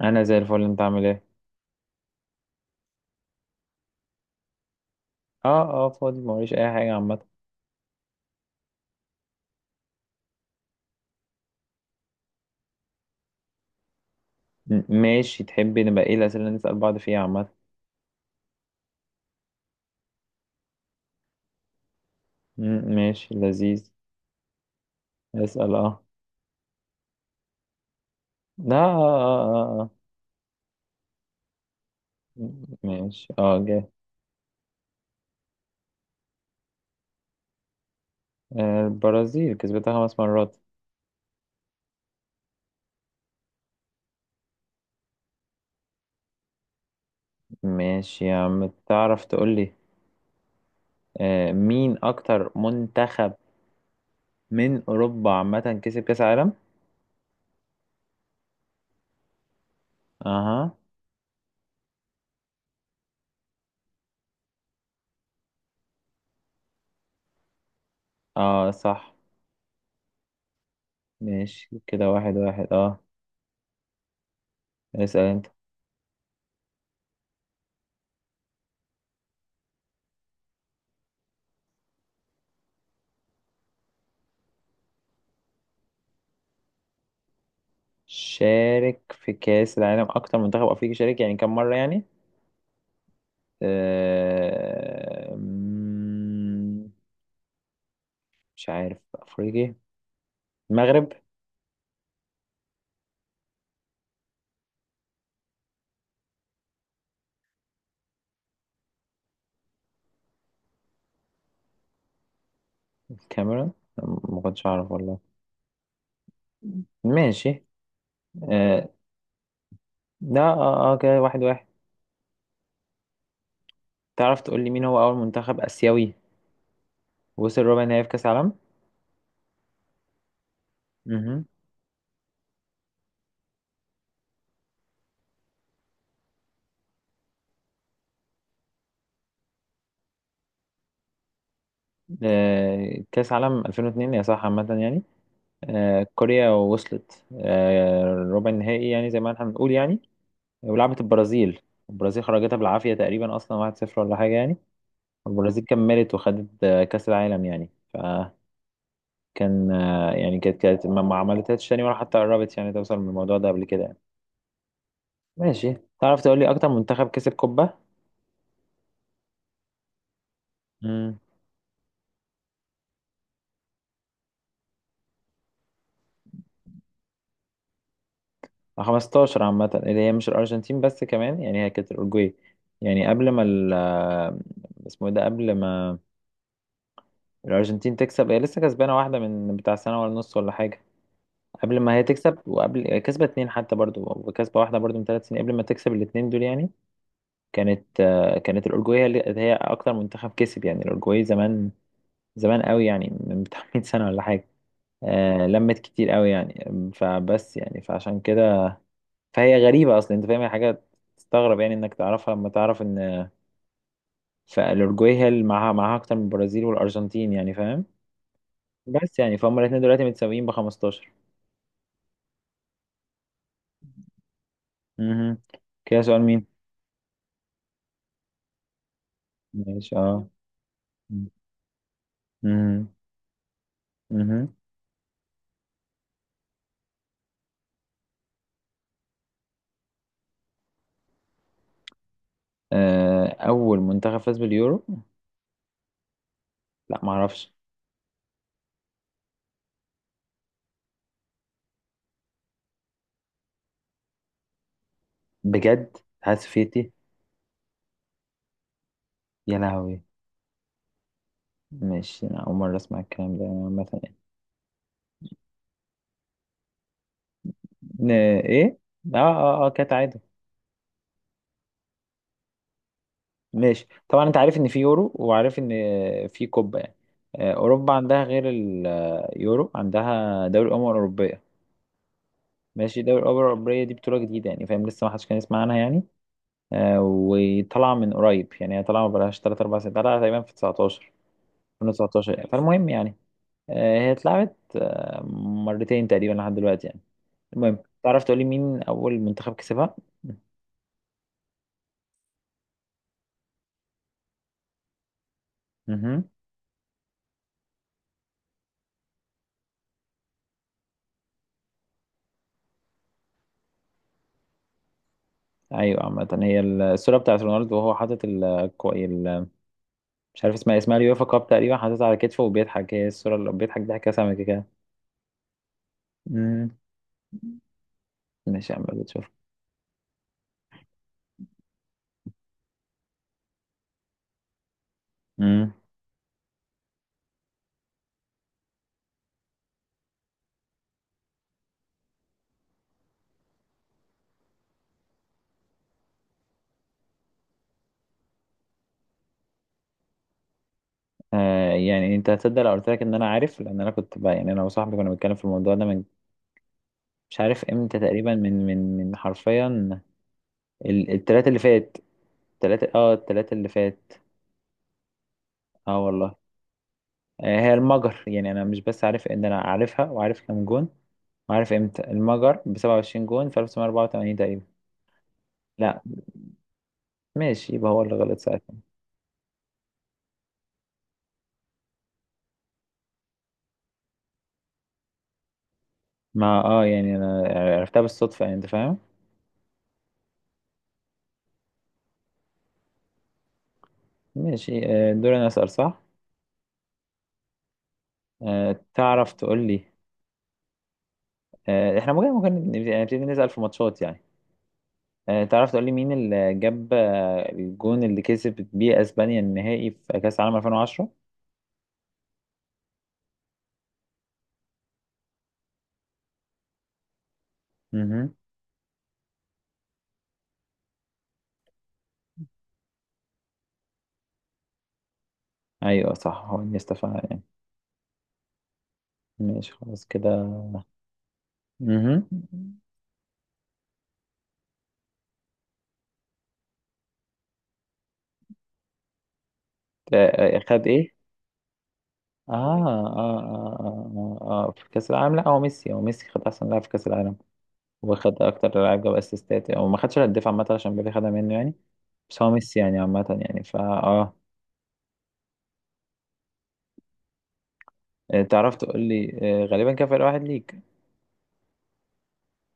انا زي الفل، انت عامل ايه؟ اه اه، فاضي موريش اي حاجه عامه. ماشي، تحب نبقى ايه الاسئله اللي نسال بعض فيها عامه؟ ماشي، لذيذ. اسال، اه. لا، اه اه اه اه اه. ماشي، اه، جاي. البرازيل كسبتها خمس مرات. ماشي يا عم، تعرف تقول لي مين اكتر منتخب من اوروبا عامه كسب كاس عالم؟ اها. اه، صح، ماشي كده 1-1، اه. اسال انت. شارك في كأس العالم أكتر منتخب أفريقي شارك، يعني كم مرة يعني؟ أه... مم، مش عارف أفريقي. المغرب. الكاميرون. ما كنتش أعرف والله. ماشي. أه... لا، اه اه، كده 1-1. تعرف تقول لي مين هو أول منتخب آسيوي وصل ربع نهائي في كأس العالم؟ مهم. كأس عالم 2002 يا صح، عامة يعني. كوريا وصلت ربع النهائي، يعني زي ما احنا بنقول يعني. ولعبت البرازيل. البرازيل خرجتها بالعافية تقريبا أصلا، 1-0 ولا حاجة يعني. البرازيل كملت وخدت كأس العالم يعني. فكان يعني كانت ما عملتهاش تاني ولا حتى قربت يعني توصل من الموضوع ده قبل كده يعني. ماشي، تعرف تقول لي أكتر منتخب كسب قبة؟ امم. 15، عامة اللي هي مش الأرجنتين بس، كمان يعني هي كانت الأورجواي. يعني قبل ما ال آه، اسمه إيه ده، قبل ما الأرجنتين تكسب، هي لسه كسبانة واحدة من بتاع سنة ولا نص ولا حاجة قبل ما هي تكسب، وقبل كسبت اتنين حتى برضو، وكسبة واحدة برضو من 3 سنين قبل ما تكسب الاتنين دول يعني. كانت الأورجواي هي أكتر منتخب كسب يعني. الأورجواي زمان زمان قوي يعني، من بتاع 100 سنة ولا حاجة. لمت كتير قوي يعني. فبس يعني فعشان كده، فهي غريبة أصلا، أنت فاهم هي حاجة تستغرب يعني إنك تعرفها، لما تعرف إن فالأورجواي هي اللي معاها أكتر من البرازيل والأرجنتين يعني، فاهم. بس يعني فهم الاتنين دلوقتي متساويين ب 15. مهم. كده سؤال مين؟ ماشي، اه. مهم. مهم. أول منتخب فاز باليورو. لا، معرفش. بجد، الاتحاد السوفيتي؟ يا لهوي. ماشي، أنا أول مرة أسمع الكلام ده مثلا. ن- إيه؟ آه آه آه، كانت عادي. ماشي، طبعا أنت عارف إن في يورو وعارف إن في كوبا يعني. أوروبا عندها غير اليورو، عندها دوري الأمم الأوروبية. ماشي، دوري الأمم الأوروبية دي بطولة جديدة يعني، فاهم، لسه ما حدش كان يسمع عنها يعني. وطالعة من قريب، يعني هي طالعة ما بقالهاش 3 4 سنين، طالعة تقريبا في 19 2019 فالمهم يعني. هي اتلعبت مرتين تقريبا لحد دلوقتي يعني. المهم، تعرف تقولي مين أول منتخب كسبها؟ مهم. أيوة، عامة هي الصورة بتاعت رونالدو وهو حاطط مش عارف اسمها إيه، اسمها اليوفا كاب تقريبا، حاططها على كتفه وبيضحك، هي الصورة اللي بيضحك ضحكة سمكة كده كده. مم. ماشي يا عم، بتشوف. امم. يعني انت هتصدق لو قلت لك ان انا عارف، لان انا كنت بقى يعني، انا وصاحبي كنا بنتكلم في الموضوع ده من مش عارف امتى تقريبا، من حرفيا التلاتة اللي فات. التلاتة اللي فات. اه، والله. هي المجر يعني، انا مش بس عارف ان انا عارفها وعارف كام جون وعارف امتى، المجر ب 27 جون في 1984 تقريبا. لا. ماشي، يبقى هو اللي غلط ساعتها. ما يعني انا عرفتها بالصدفة يعني، انت فاهم. ماشي، دور انا اسأل، صح. تعرف تقول لي احنا ممكن يعني نبتدي نسأل في ماتشات يعني. تعرف تقول لي مين اللي جاب الجون اللي كسبت بيه اسبانيا النهائي في كأس العالم 2010؟ امم. ايوه، صح، هو انيستا فعلا يعني. ماشي، خلاص كده. مهم. خد ايه؟ في كأس العالم، لا، هو ميسي، خد أحسن لاعب في كأس العالم وخد أكتر لاعب جاب أسيستات، أو ما خدش الهداف عامة عشان بيبي خدها منه يعني. بس هو ميسي يعني عامة يعني فا آه تعرف تقول لي غالبا كان فرق واحد ليك.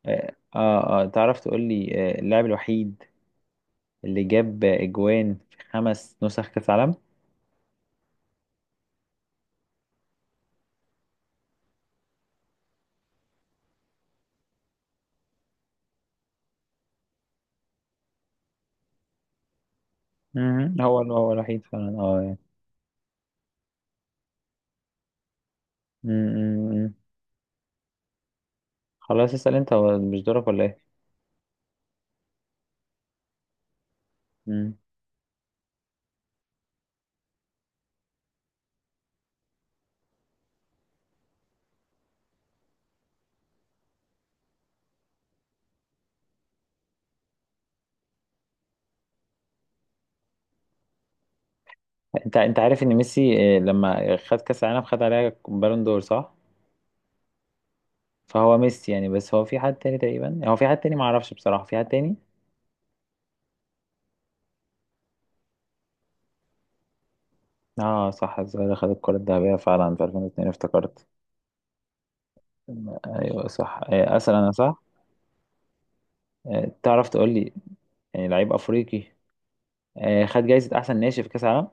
تعرف تقول لي اللاعب الوحيد اللي جاب أجوان في خمس نسخ كأس العالم؟ مهم. هو هو الوحيد فعلا يعني. مم، مم، مم. خلاص، اسأل أنت، هو مش دورك ولا؟ إيه؟ انت عارف ان ميسي، لما خد كاس العالم خد عليها بالون دور، صح. فهو ميسي يعني، بس هو في حد تاني تقريبا، هو في حد تاني ما اعرفش بصراحه، في حد تاني. اه، صح، الظاهر خد الكره الذهبيه فعلا في 2002 افتكرت. ايوه، صح، اسال انا، صح. تعرف تقول لي يعني لعيب افريقي خد جايزه احسن ناشئ في كاس العالم.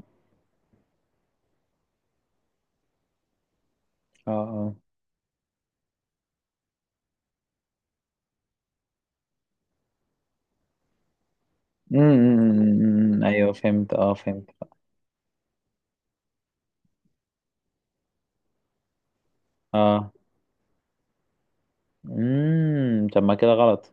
اه، اه. أمم، أمم، أمم، أمم، ايوه فهمت، اه، فهمت. اه. طب، ما كده غلط.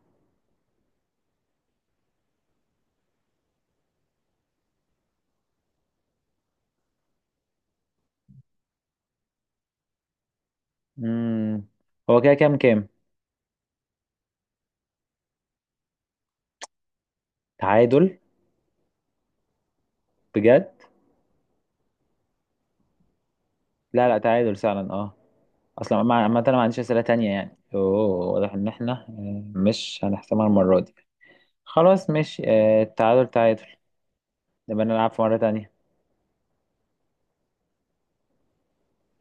امم هو كده كام كام؟ تعادل. بجد؟ لا، لا، تعادل فعلا، اه. اصلا عامة انا ما عنديش اسئله تانية يعني، اوه. واضح ان احنا مش هنحسمها المره دي. خلاص، ماشي، التعادل تعادل. نبقى نلعب في مره تانية.